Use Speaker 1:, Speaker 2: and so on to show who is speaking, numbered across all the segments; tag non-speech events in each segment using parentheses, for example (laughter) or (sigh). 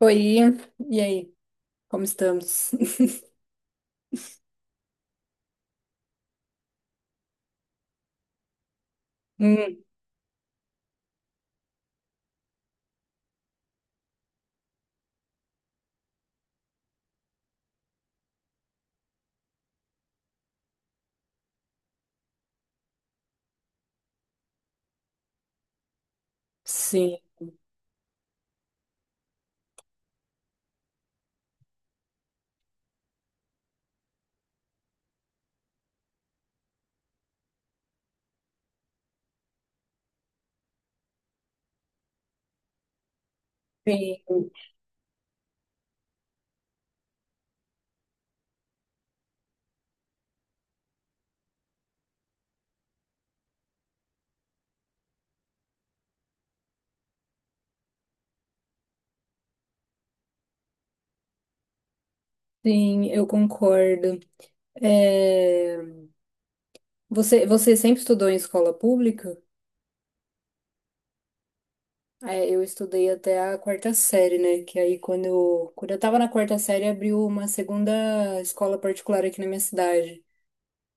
Speaker 1: Oi, e aí? Como estamos? (laughs) Hum, sim, sim, sim, eu concordo. É, Você sempre estudou em escola pública? É, eu estudei até a quarta série, né? Que aí quando eu tava na quarta série, abriu uma segunda escola particular aqui na minha cidade.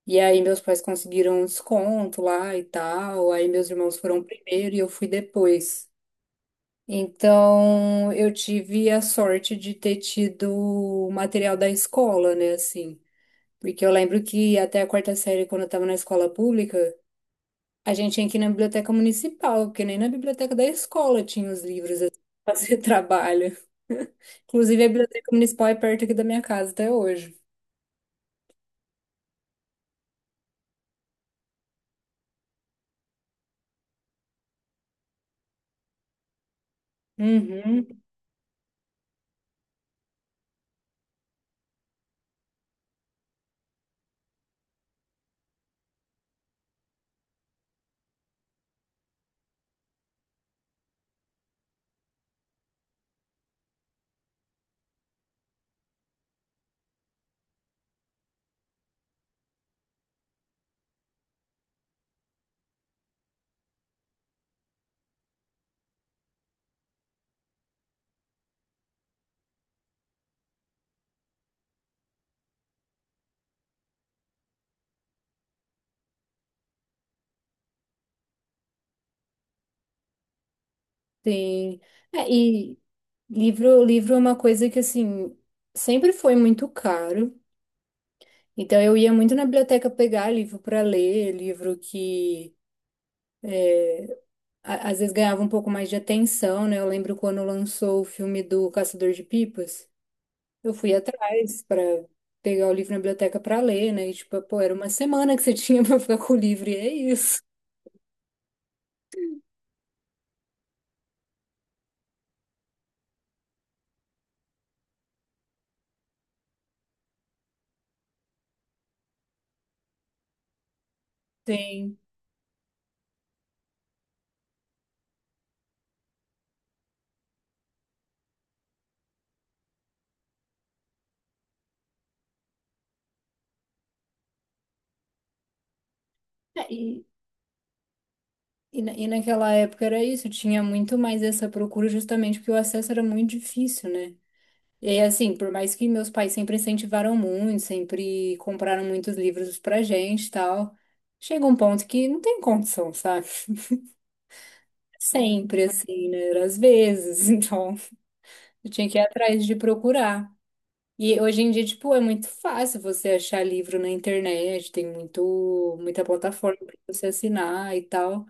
Speaker 1: E aí meus pais conseguiram um desconto lá e tal. Aí meus irmãos foram primeiro e eu fui depois. Então, eu tive a sorte de ter tido material da escola, né, assim. Porque eu lembro que até a quarta série, quando eu estava na escola pública, a gente tinha que ir na biblioteca municipal, porque nem na biblioteca da escola tinha os livros assim, (laughs) pra fazer trabalho. Inclusive, a biblioteca municipal é perto aqui da minha casa até hoje. Uhum, sim. É, e livro, livro é uma coisa que, assim, sempre foi muito caro. Então eu ia muito na biblioteca pegar livro para ler, livro que às vezes ganhava um pouco mais de atenção, né? Eu lembro quando lançou o filme do Caçador de Pipas, eu fui atrás para pegar o livro na biblioteca para ler, né? E tipo, pô, era uma semana que você (laughs) tinha para ficar com o livro, e é isso. Sim. É, e naquela época era isso, tinha muito mais essa procura justamente porque o acesso era muito difícil, né? E assim, por mais que meus pais sempre incentivaram muito, sempre compraram muitos livros pra gente e tal, chega um ponto que não tem condição, sabe? Sempre assim, né? Era Às vezes, (laughs) então eu tinha que ir atrás de procurar. E hoje em dia, tipo, é muito fácil você achar livro na internet, tem muito, muita plataforma pra você assinar e tal.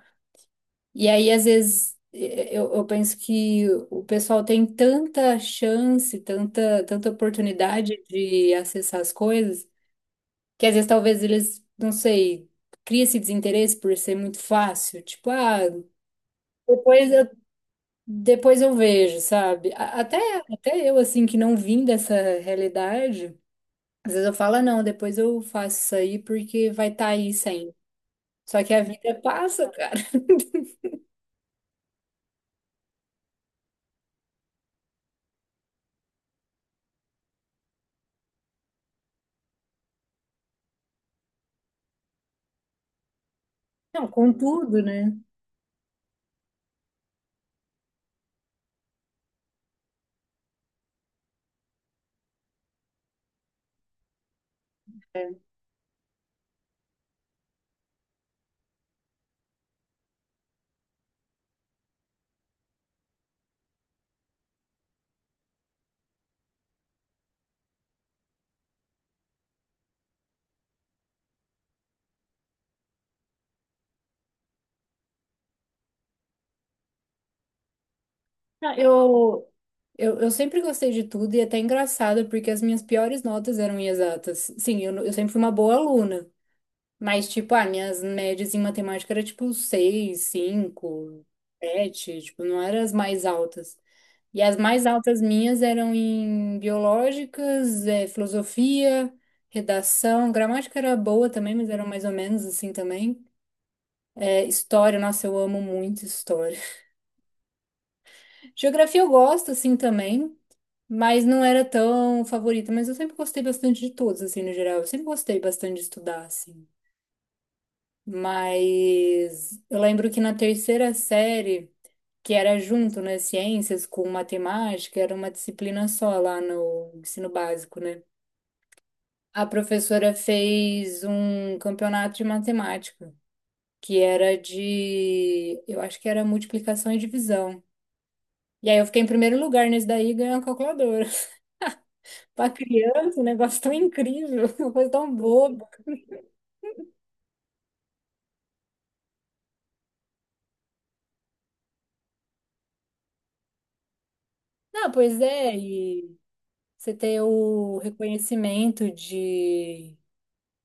Speaker 1: E aí, às vezes, eu penso que o pessoal tem tanta chance, tanta, tanta oportunidade de acessar as coisas, que às vezes talvez eles, não sei, cria esse desinteresse por ser muito fácil. Tipo, ah, depois eu, depois eu vejo, sabe? Até eu, assim, que não vim dessa realidade, às vezes eu falo, "Ah, não, depois eu faço isso aí porque vai estar aí sempre." Só que a vida passa, cara. (laughs) Não, com tudo, né? É. Ah, eu sempre gostei de tudo e é até engraçado, porque as minhas piores notas eram em exatas. Sim, eu sempre fui uma boa aluna, mas, tipo, ah, minhas médias em matemática era tipo 6 cinco 7 tipo, não eram as mais altas. E as mais altas minhas eram em biológicas, filosofia, redação, gramática era boa também, mas era mais ou menos assim também. História, nossa, eu amo muito história. Geografia eu gosto, assim, também, mas não era tão favorita. Mas eu sempre gostei bastante de todos, assim, no geral. Eu sempre gostei bastante de estudar, assim. Mas eu lembro que na terceira série, que era junto, né, ciências com matemática, era uma disciplina só lá no ensino básico, né? A professora fez um campeonato de matemática, que era de, eu acho que era multiplicação e divisão. E aí eu fiquei em primeiro lugar nesse daí e ganhei uma calculadora. Pra criança, um negócio tão incrível, (laughs) uma coisa tão boba. Não, pois é, e você ter o reconhecimento de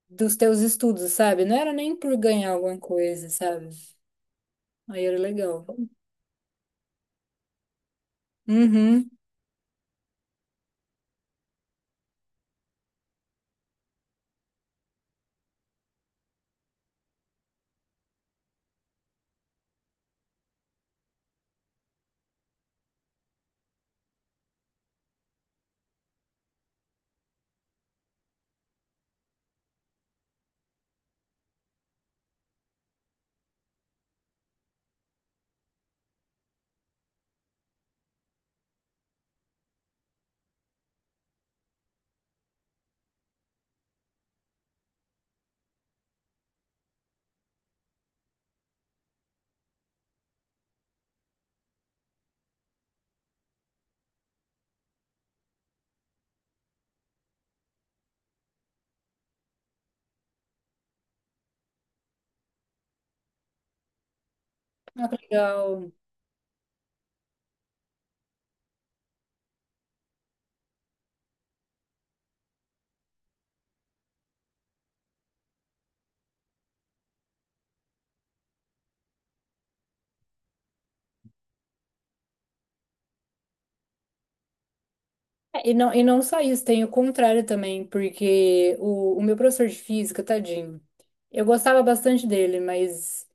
Speaker 1: dos teus estudos, sabe? Não era nem por ganhar alguma coisa, sabe? Aí era legal. Uhum. Ah, que legal. É. E não só isso, tem o contrário também, porque o meu professor de física, tadinho, eu gostava bastante dele, mas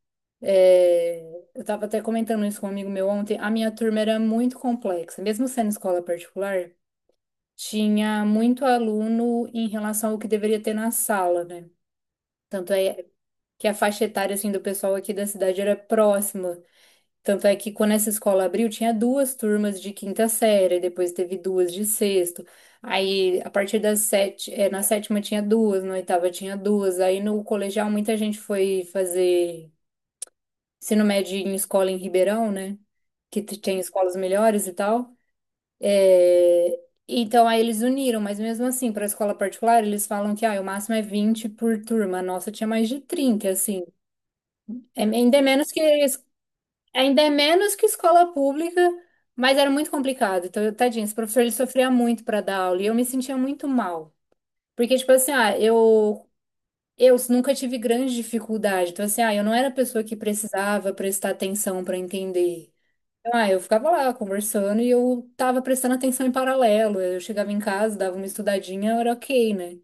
Speaker 1: é, eu estava até comentando isso com um amigo meu ontem, a minha turma era muito complexa, mesmo sendo escola particular, tinha muito aluno em relação ao que deveria ter na sala, né? Tanto é que a faixa etária, assim, do pessoal aqui da cidade era próxima. Tanto é que quando essa escola abriu, tinha duas turmas de quinta série, depois teve duas de sexto. Aí, a partir das sete, na sétima tinha duas, na oitava tinha duas. Aí, no colegial, muita gente foi fazer ensino médio em escola em Ribeirão, né? Que tem escolas melhores e tal. Eh, Então, aí eles uniram, mas mesmo assim, para a escola particular, eles falam que ah, o máximo é 20 por turma. A nossa tinha mais de 30, assim. É, ainda é menos que a Ainda é menos que escola pública, mas era muito complicado. Então, tadinho, esse professor ele sofria muito para dar aula e eu me sentia muito mal. Porque, tipo assim, ah, eu nunca tive grande dificuldade. Então, assim, ah, eu não era a pessoa que precisava prestar atenção para entender. Então, ah, eu ficava lá conversando e eu tava prestando atenção em paralelo. Eu chegava em casa, dava uma estudadinha, era ok, né?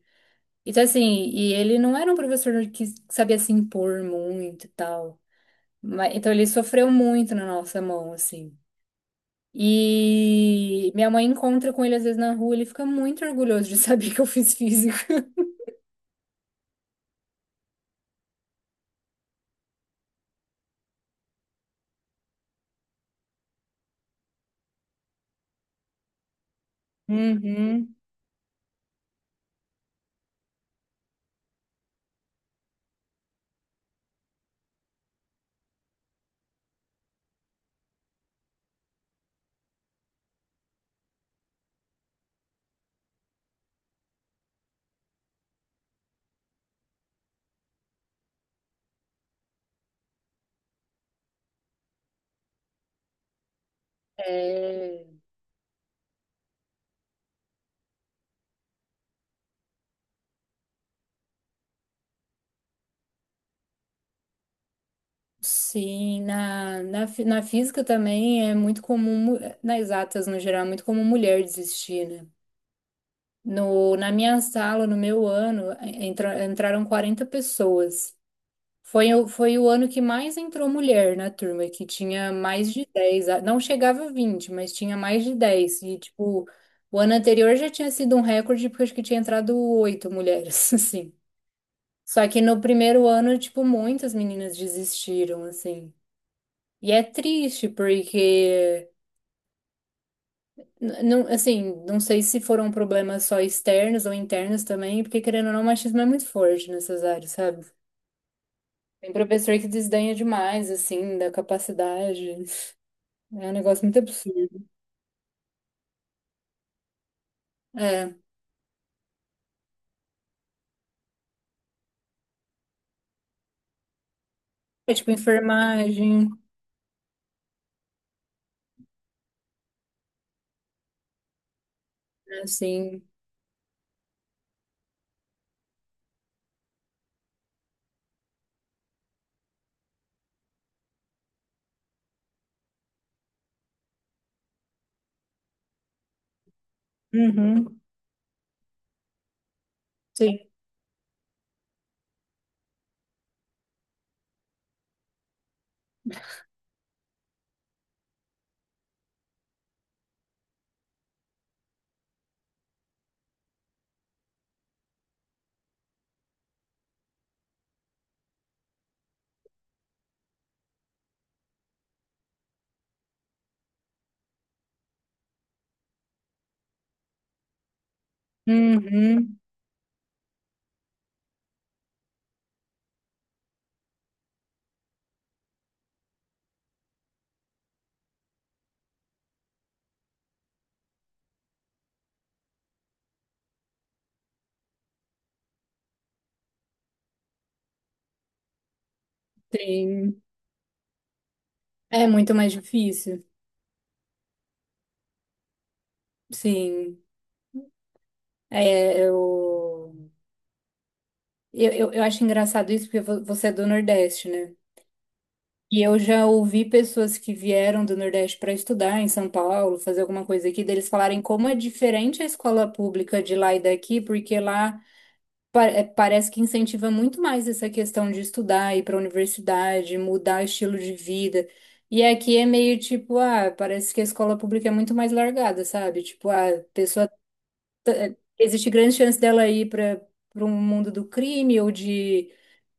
Speaker 1: Então, assim, e ele não era um professor que sabia se impor muito e tal. Mas, então, ele sofreu muito na nossa mão, assim. E minha mãe encontra com ele às vezes na rua, ele fica muito orgulhoso de saber (laughs) que eu fiz física. Uhum. É, sim, na física também é muito comum, nas exatas no geral, é muito comum mulher desistir, né? No, na minha sala, no meu ano, entraram 40 pessoas. Foi o ano que mais entrou mulher na turma, que tinha mais de 10 não chegava a 20, mas tinha mais de 10. E, tipo, o ano anterior já tinha sido um recorde, porque acho que tinha entrado oito mulheres, (laughs) assim. Só que no primeiro ano, tipo, muitas meninas desistiram, assim. E é triste, porque, não, assim, não sei se foram problemas só externos ou internos também, porque, querendo ou não, o machismo é muito forte nessas áreas, sabe? Tem professor que desdenha demais, assim, da capacidade. É um negócio muito absurdo. É, é tipo enfermagem, assim. Uhum, sim. Uhum, sim. É muito mais difícil. Sim. É, eu, eu acho engraçado isso porque você é do Nordeste, né? E eu já ouvi pessoas que vieram do Nordeste para estudar em São Paulo, fazer alguma coisa aqui, deles falarem como é diferente a escola pública de lá e daqui, porque lá parece que incentiva muito mais essa questão de estudar, ir para a universidade, mudar o estilo de vida. E aqui é meio tipo, ah, parece que a escola pública é muito mais largada, sabe? Tipo, ah, a pessoa, existe grande chance dela ir para um mundo do crime ou de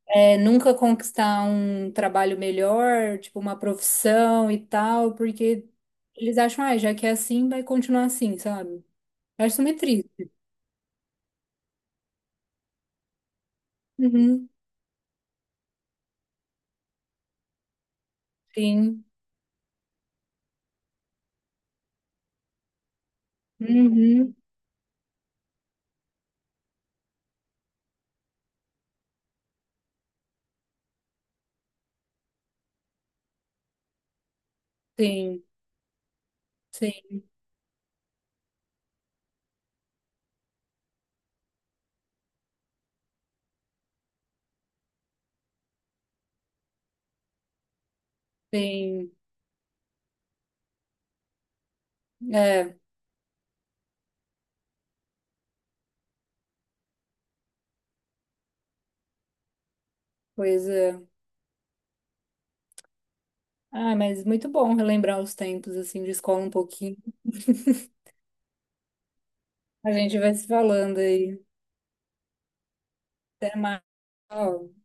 Speaker 1: nunca conquistar um trabalho melhor, tipo uma profissão e tal, porque eles acham, ah, já que é assim, vai continuar assim, sabe? Eu acho isso meio triste. Uhum, sim. Uhum, sim. Sim. Sim. É, pois é. Ah, mas muito bom relembrar os tempos, assim, de escola um pouquinho. (laughs) A gente vai se falando aí. Até mais. Tchau.